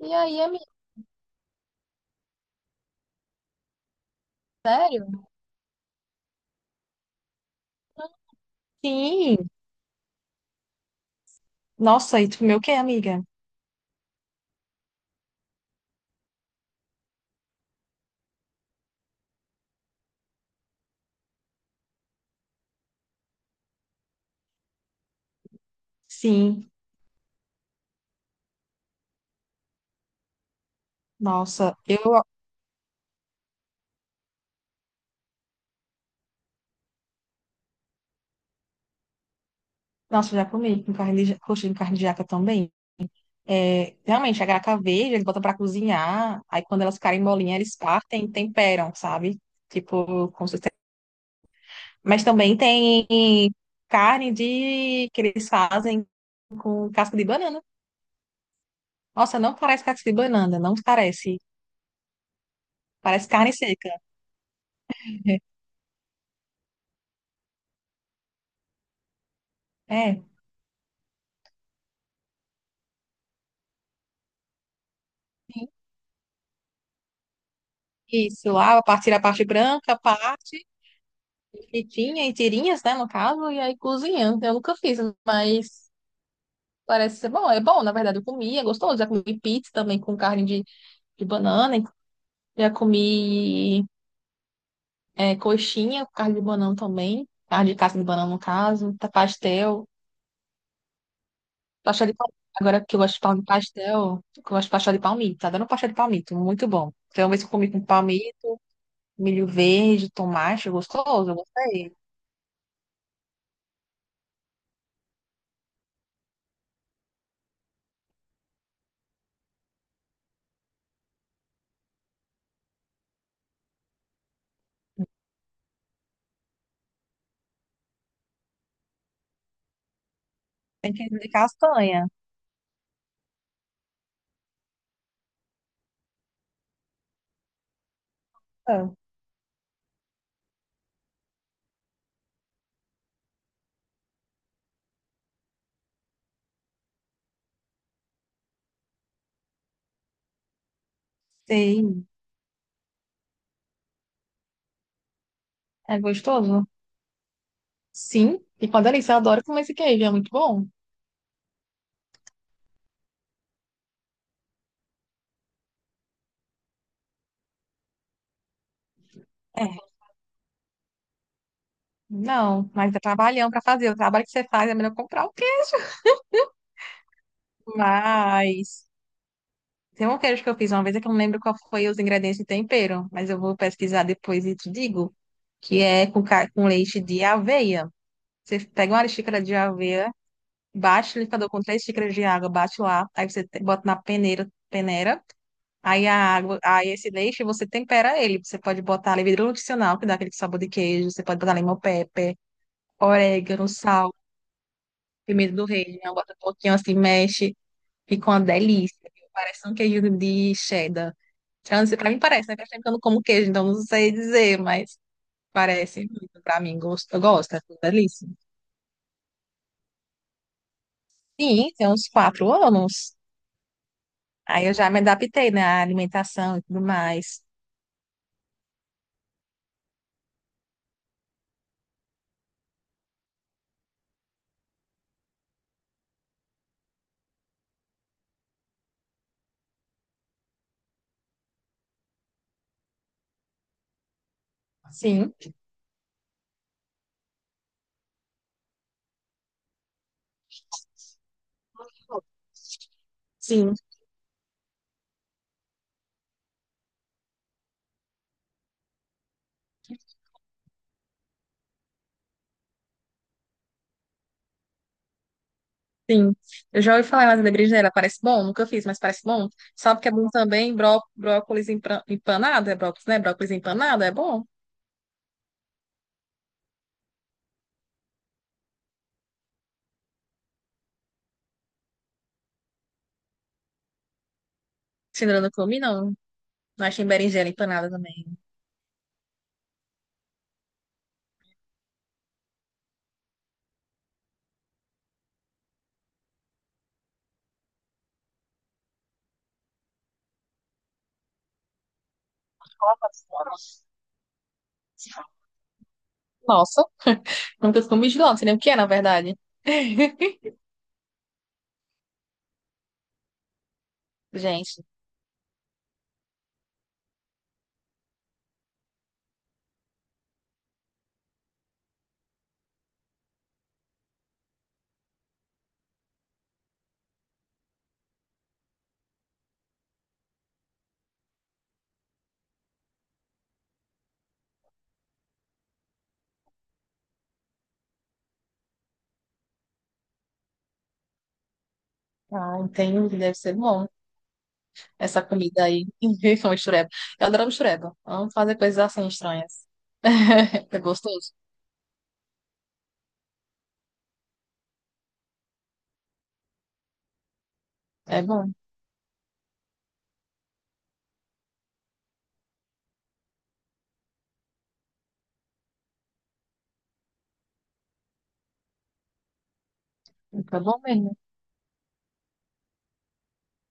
E aí, amiga, sério? Sim. Nossa, e tu comeu o quê, amiga? Sim. Nossa, eu, nossa, eu já comi com carne de, coxinha com carne de jaca também. É, realmente, a graca verde, eles botam pra cozinhar, aí quando elas ficarem molinhas, eles partem e temperam, sabe? Tipo, com certeza. Mas também tem carne de, que eles fazem com casca de banana. Nossa, não parece casca de banana, não parece. Parece carne seca. É. Isso, lava, parte- tira a partir da parte branca, parte fritinha em tirinhas, né, no caso, e aí cozinha. Eu nunca fiz, mas parece ser bom. É bom, na verdade, eu comi, é gostoso. Já comi pizza também com carne de banana, já comi é, coxinha com carne de banana também, carne de casca de banana, no caso, tá pastel, pastel de palmito. Agora que eu gosto de pal- pastel, que eu gosto de pastel de palmito, tá dando pastel de palmito, muito bom. Então, uma vez que eu comi com palmito, milho verde, tomate, gostoso, eu gostei. Tem que de castanha. Ah, Sei. É gostoso? Sim. E com a delícia, eu adoro comer esse queijo, é muito bom. É. Não, mas dá trabalhão pra fazer. O trabalho que você faz é melhor comprar o queijo. Mas tem um queijo que eu fiz uma vez, é que eu não lembro qual foi os ingredientes de tempero, mas eu vou pesquisar depois e te digo, que é com, ca- com leite de aveia. Você pega 1 xícara de aveia, bate o liquidificador com 3 xícaras de água, bate lá, aí você te- bota na peneira, peneira Aí a água, aí esse leite você tempera ele. Você pode botar levedura nutricional, que dá aquele sabor de queijo. Você pode botar limão pepper, orégano, sal, pimenta do reino. Bota um pouquinho assim, mexe. Fica uma delícia. Viu? Parece um queijo de cheddar. Então, assim, Pra mim parece, né? Faz tempo que eu não como queijo, então não sei dizer, mas parece muito pra mim. Gosto, eu gosto, é uma delícia. Sim, tem uns 4 anos. Aí eu já me adaptei, né, à alimentação e tudo mais. Sim, sim. Sim, eu já ouvi falar mais da berinjela, parece bom, nunca fiz, mas parece bom. Sabe o que é bom também brócolis empanado, é brócolis, né? Brócolis empanado é bom. Se ainda não comi, não. Não achei berinjela empanada também. Nossa, nunca comi de lá, não sei nem o que é, na verdade. Gente, ah, entendi, deve ser bom essa comida aí. Com mistureba. Eu adoro mistureba. Vamos fazer coisas assim estranhas. É gostoso. É bom, fica bom mesmo.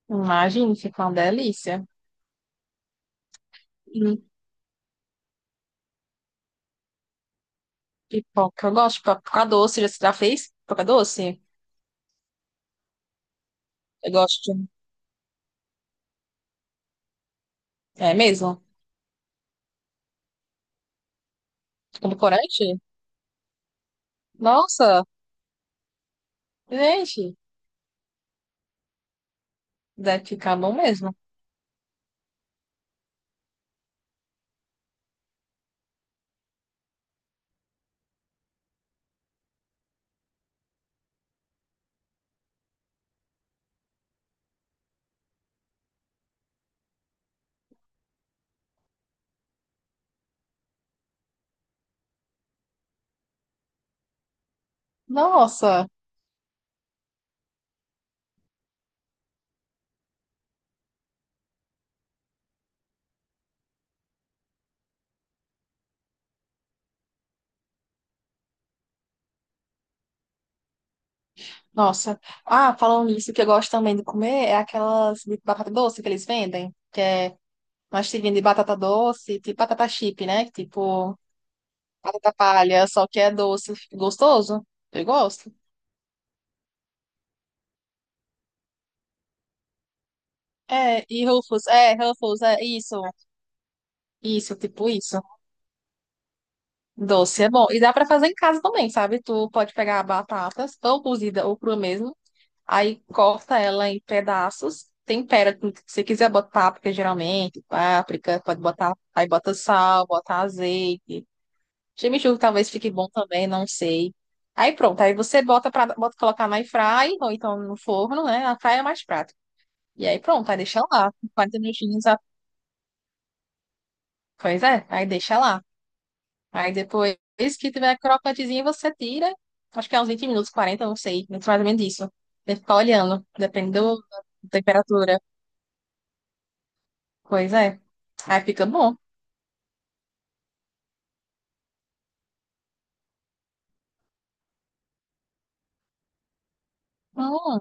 Imagina, fica uma delícia. Pipoca. Eu gosto de pipoca doce. Já- Você já fez pipoca doce? Eu gosto. É mesmo? Com corante? Nossa, gente, deve ficar bom mesmo. Nossa, nossa. Ah, falando nisso, o que eu gosto também de comer é aquelas de batata doce que eles vendem, que é uma tirinha de batata doce, tipo batata chip, né? Tipo batata palha, só que é doce, gostoso. Eu gosto. É, e Ruffles, é isso, isso, tipo isso. Doce é bom. E dá pra fazer em casa também, sabe? Tu pode pegar batatas, ou cozida ou crua mesmo. Aí corta ela em pedaços, tempera com o que você quiser botar páprica, geralmente, páprica, pode botar, aí bota sal, bota azeite. Chimichurri talvez fique bom também, não sei. Aí pronto, aí você bota colocar na air fry ou então no forno, né? A fry é mais prático. E aí pronto, aí deixa lá, 40 minutinhos. A- Pois é, aí deixa lá. Aí depois que tiver crocantezinho, você tira. Acho que é uns 20 minutos, 40, não sei. Muito mais ou menos isso. Tem que ficar olhando, depende do- da temperatura. Pois é. Aí fica bom. Hum,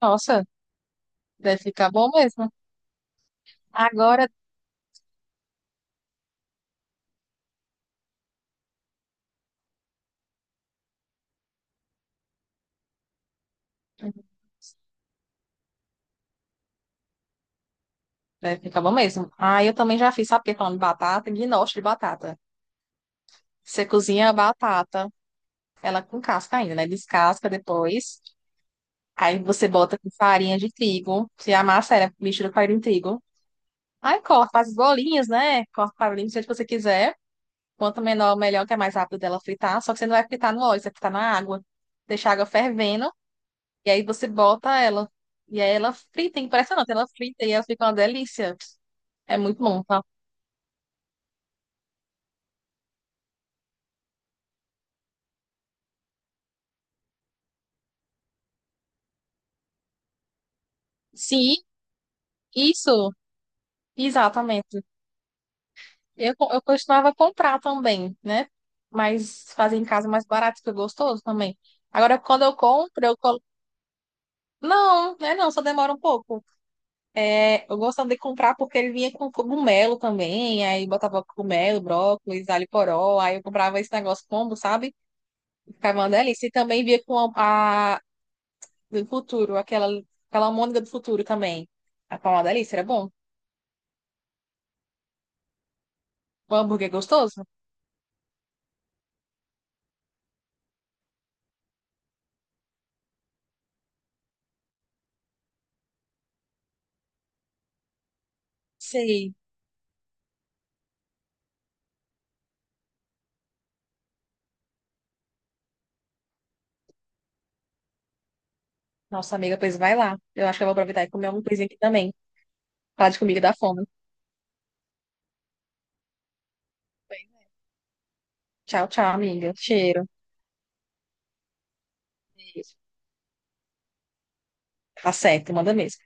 nossa, deve ficar bom mesmo. Agora, deve ficar bom mesmo. Ah, eu também já fiz, sabe o que é falando de batata? Ginoche de batata. Você cozinha a batata, ela com casca ainda, né? Descasca depois. Aí você bota com farinha de trigo. Você amassa ela, mistura com farinha de trigo. Aí corta as bolinhas, né? Corta para bolinha do jeito que você quiser. Quanto menor, melhor, que é mais rápido dela fritar. Só que você não vai fritar no óleo, você vai fritar na água. Deixa a água fervendo e aí você bota ela. E aí ela frita, é impressionante, ela frita e ela fica uma delícia. É muito bom, tá? Sim, isso, exatamente. Eu costumava comprar também, né? Mas fazer em casa é mais barato, fica gostoso também. Agora, quando eu compro, eu colo... Não, né? Não, só demora um pouco. É, eu gostava de comprar porque ele vinha com cogumelo também, aí botava cogumelo, brócolis, alho poró, aí eu comprava esse negócio combo, sabe? Ficava uma delícia. E também vinha com a do futuro, aquela, aquela almôndega do futuro também. Ficava uma delícia, era bom. O hambúrguer é gostoso? Sei. Nossa amiga, pois vai lá. Eu acho que eu vou aproveitar e comer alguma coisinha aqui também. Falar de comida dá fome. Tchau, tchau, amiga. Cheiro. Isso. Tá certo, manda mesmo.